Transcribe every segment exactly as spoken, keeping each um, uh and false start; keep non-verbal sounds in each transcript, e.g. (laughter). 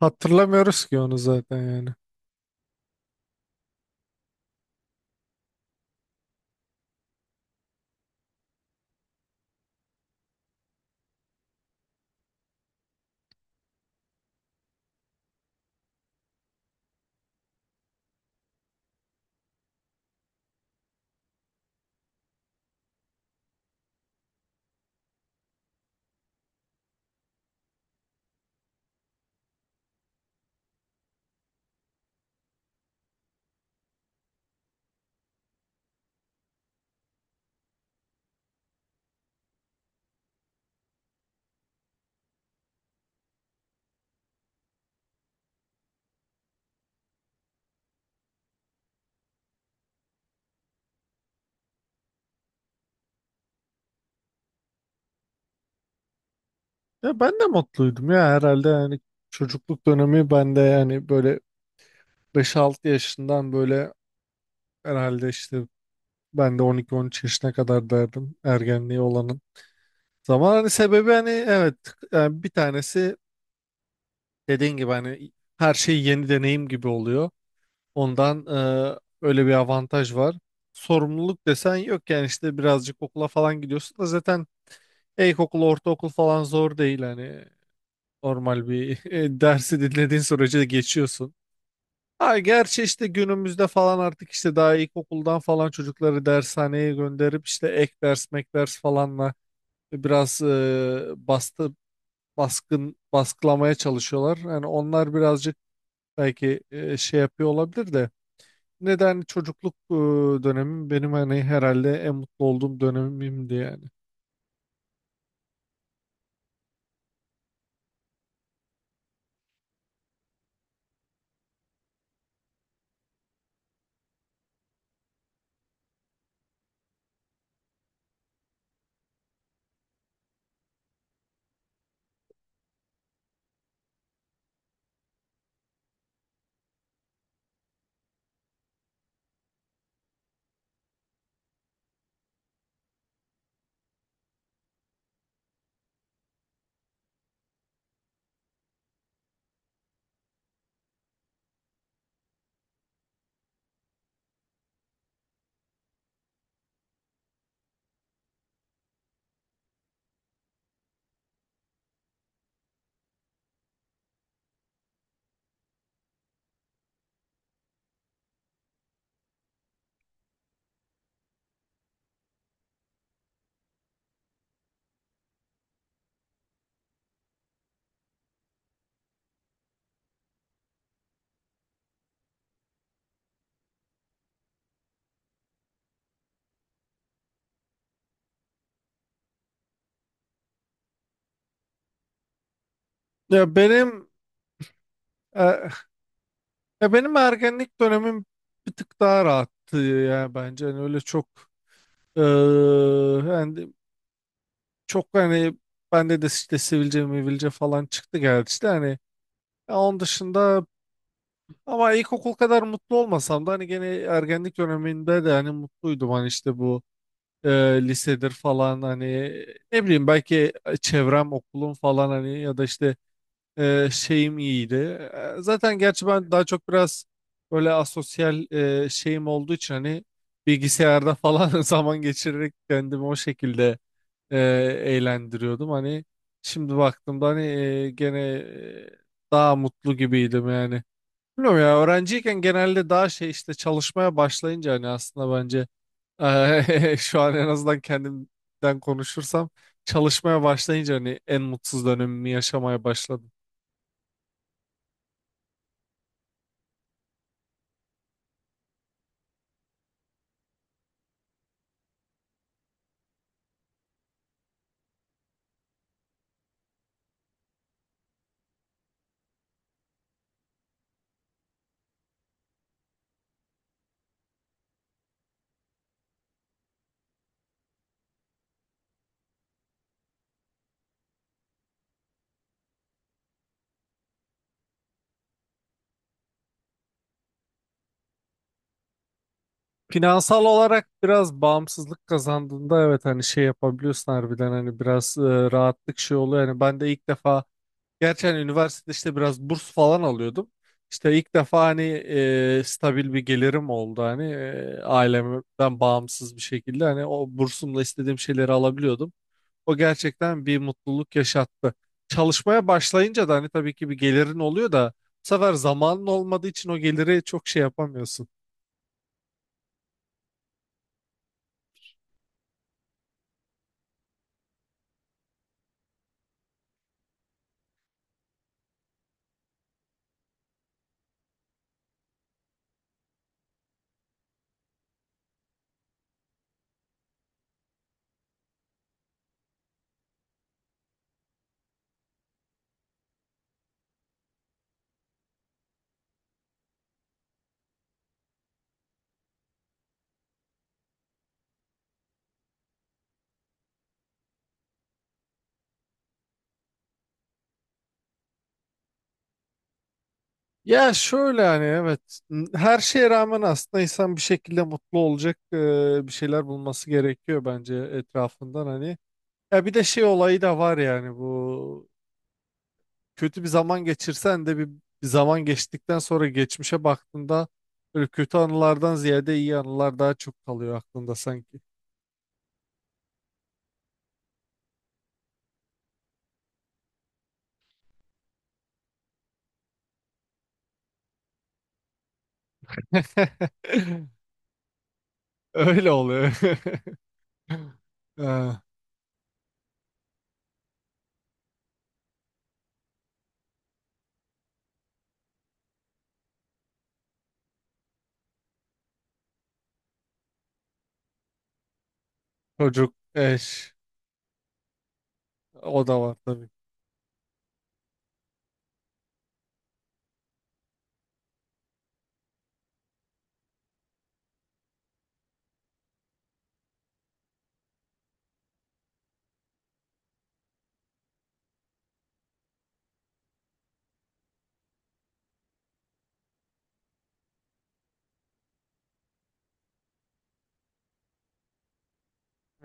Hatırlamıyoruz ki onu zaten yani. Ya ben de mutluydum ya herhalde yani, çocukluk dönemi bende yani böyle beş altı yaşından böyle herhalde işte ben de on iki on üç yaşına kadar derdim ergenliği olanın. Zaman hani sebebi hani, evet, yani bir tanesi dediğin gibi hani her şey yeni deneyim gibi oluyor. Ondan e, öyle bir avantaj var. Sorumluluk desen yok yani, işte birazcık okula falan gidiyorsun da zaten ilkokul, ortaokul falan zor değil hani. Normal bir (laughs) e, dersi dinlediğin sürece de geçiyorsun. Ha, gerçi işte günümüzde falan artık işte daha ilkokuldan falan çocukları dershaneye gönderip işte ek ders mek ders falanla biraz e, bastı baskın baskılamaya çalışıyorlar. Yani onlar birazcık belki e, şey yapıyor olabilir de, neden çocukluk e, dönemim benim hani herhalde en mutlu olduğum dönemimdi yani. Ya benim e, Ya benim ergenlik dönemim bir tık daha rahattı ya bence. Hani öyle çok, eee, hani çok hani bende de işte sivilce mivilce falan çıktı geldi işte hani, ya onun dışında ama ilkokul kadar mutlu olmasam da hani gene ergenlik döneminde de hani mutluydum hani işte bu, eee, lisedir falan hani, ne bileyim, belki çevrem okulum falan hani ya da işte Ee, şeyim iyiydi. Ee, Zaten gerçi ben daha çok biraz böyle asosyal e, şeyim olduğu için hani bilgisayarda falan (laughs) zaman geçirerek kendimi o şekilde e, eğlendiriyordum. Hani şimdi baktığımda hani e, gene e, daha mutlu gibiydim yani. Bilmiyorum ya, öğrenciyken genelde daha şey, işte çalışmaya başlayınca hani aslında bence (laughs) şu an, en azından kendimden konuşursam, çalışmaya başlayınca hani en mutsuz dönemimi yaşamaya başladım. Finansal olarak biraz bağımsızlık kazandığında evet hani şey yapabiliyorsun harbiden, hani biraz e, rahatlık şey oluyor. Yani ben de ilk defa, gerçi hani üniversitede işte biraz burs falan alıyordum. İşte ilk defa hani e, stabil bir gelirim oldu hani, e, ailemden bağımsız bir şekilde hani, o bursumla istediğim şeyleri alabiliyordum. O gerçekten bir mutluluk yaşattı. Çalışmaya başlayınca da hani tabii ki bir gelirin oluyor da, bu sefer zamanın olmadığı için o geliri çok şey yapamıyorsun. Ya şöyle, hani evet, her şeye rağmen aslında insan bir şekilde mutlu olacak e, bir şeyler bulması gerekiyor bence etrafından hani. Ya bir de şey olayı da var yani, bu kötü bir zaman geçirsen de bir, bir zaman geçtikten sonra geçmişe baktığında böyle kötü anılardan ziyade iyi anılar daha çok kalıyor aklında sanki. (laughs) Öyle oluyor. (laughs) Ee, Çocuk, eş, o da var tabii.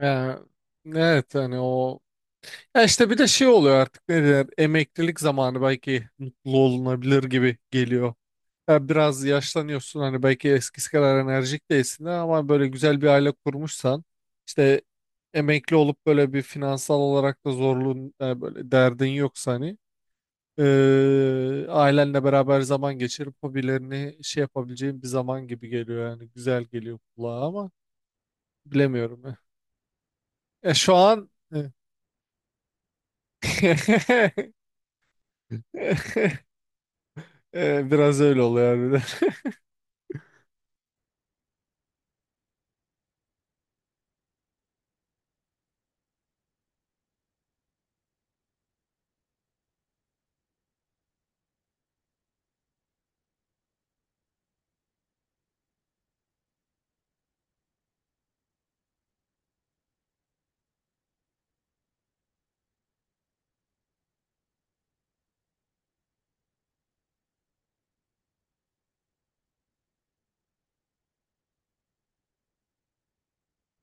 Yani, evet hani o. Ya işte bir de şey oluyor, artık ne derler, emeklilik zamanı belki mutlu olunabilir gibi geliyor. Ya biraz yaşlanıyorsun hani, belki eskisi kadar enerjik değilsin de ama böyle güzel bir aile kurmuşsan, işte emekli olup böyle bir finansal olarak da zorluğun, e, böyle derdin yoksa hani, e, ailenle beraber zaman geçirip hobilerini şey yapabileceğin bir zaman gibi geliyor yani, güzel geliyor kulağa ama bilemiyorum. Ya, Ya şu an (laughs) Ee, biraz öyle oluyor harbiden. (laughs)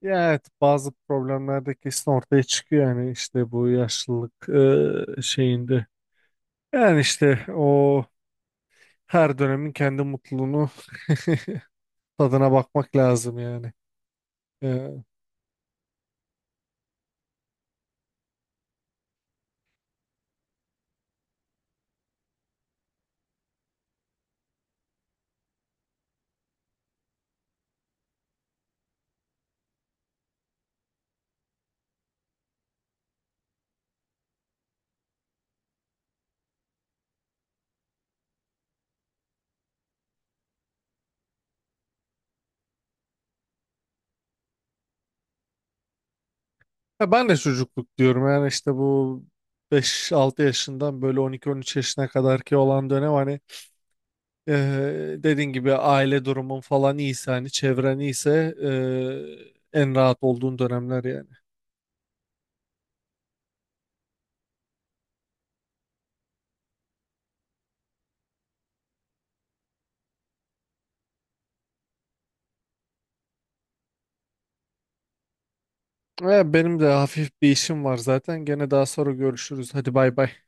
Ya evet, bazı problemler de kesin ortaya çıkıyor yani işte bu yaşlılık e, şeyinde. Yani işte o, her dönemin kendi mutluluğunu (laughs) tadına bakmak lazım yani. Ee, ya ben de çocukluk diyorum yani işte bu beş altı yaşından böyle on iki on üç yaşına kadar ki olan dönem hani. Ee, dediğin gibi aile durumun falan iyiyse hani, çevren iyiyse ee, en rahat olduğun dönemler yani. Ee, benim de hafif bir işim var zaten. Gene daha sonra görüşürüz. Hadi bay bay.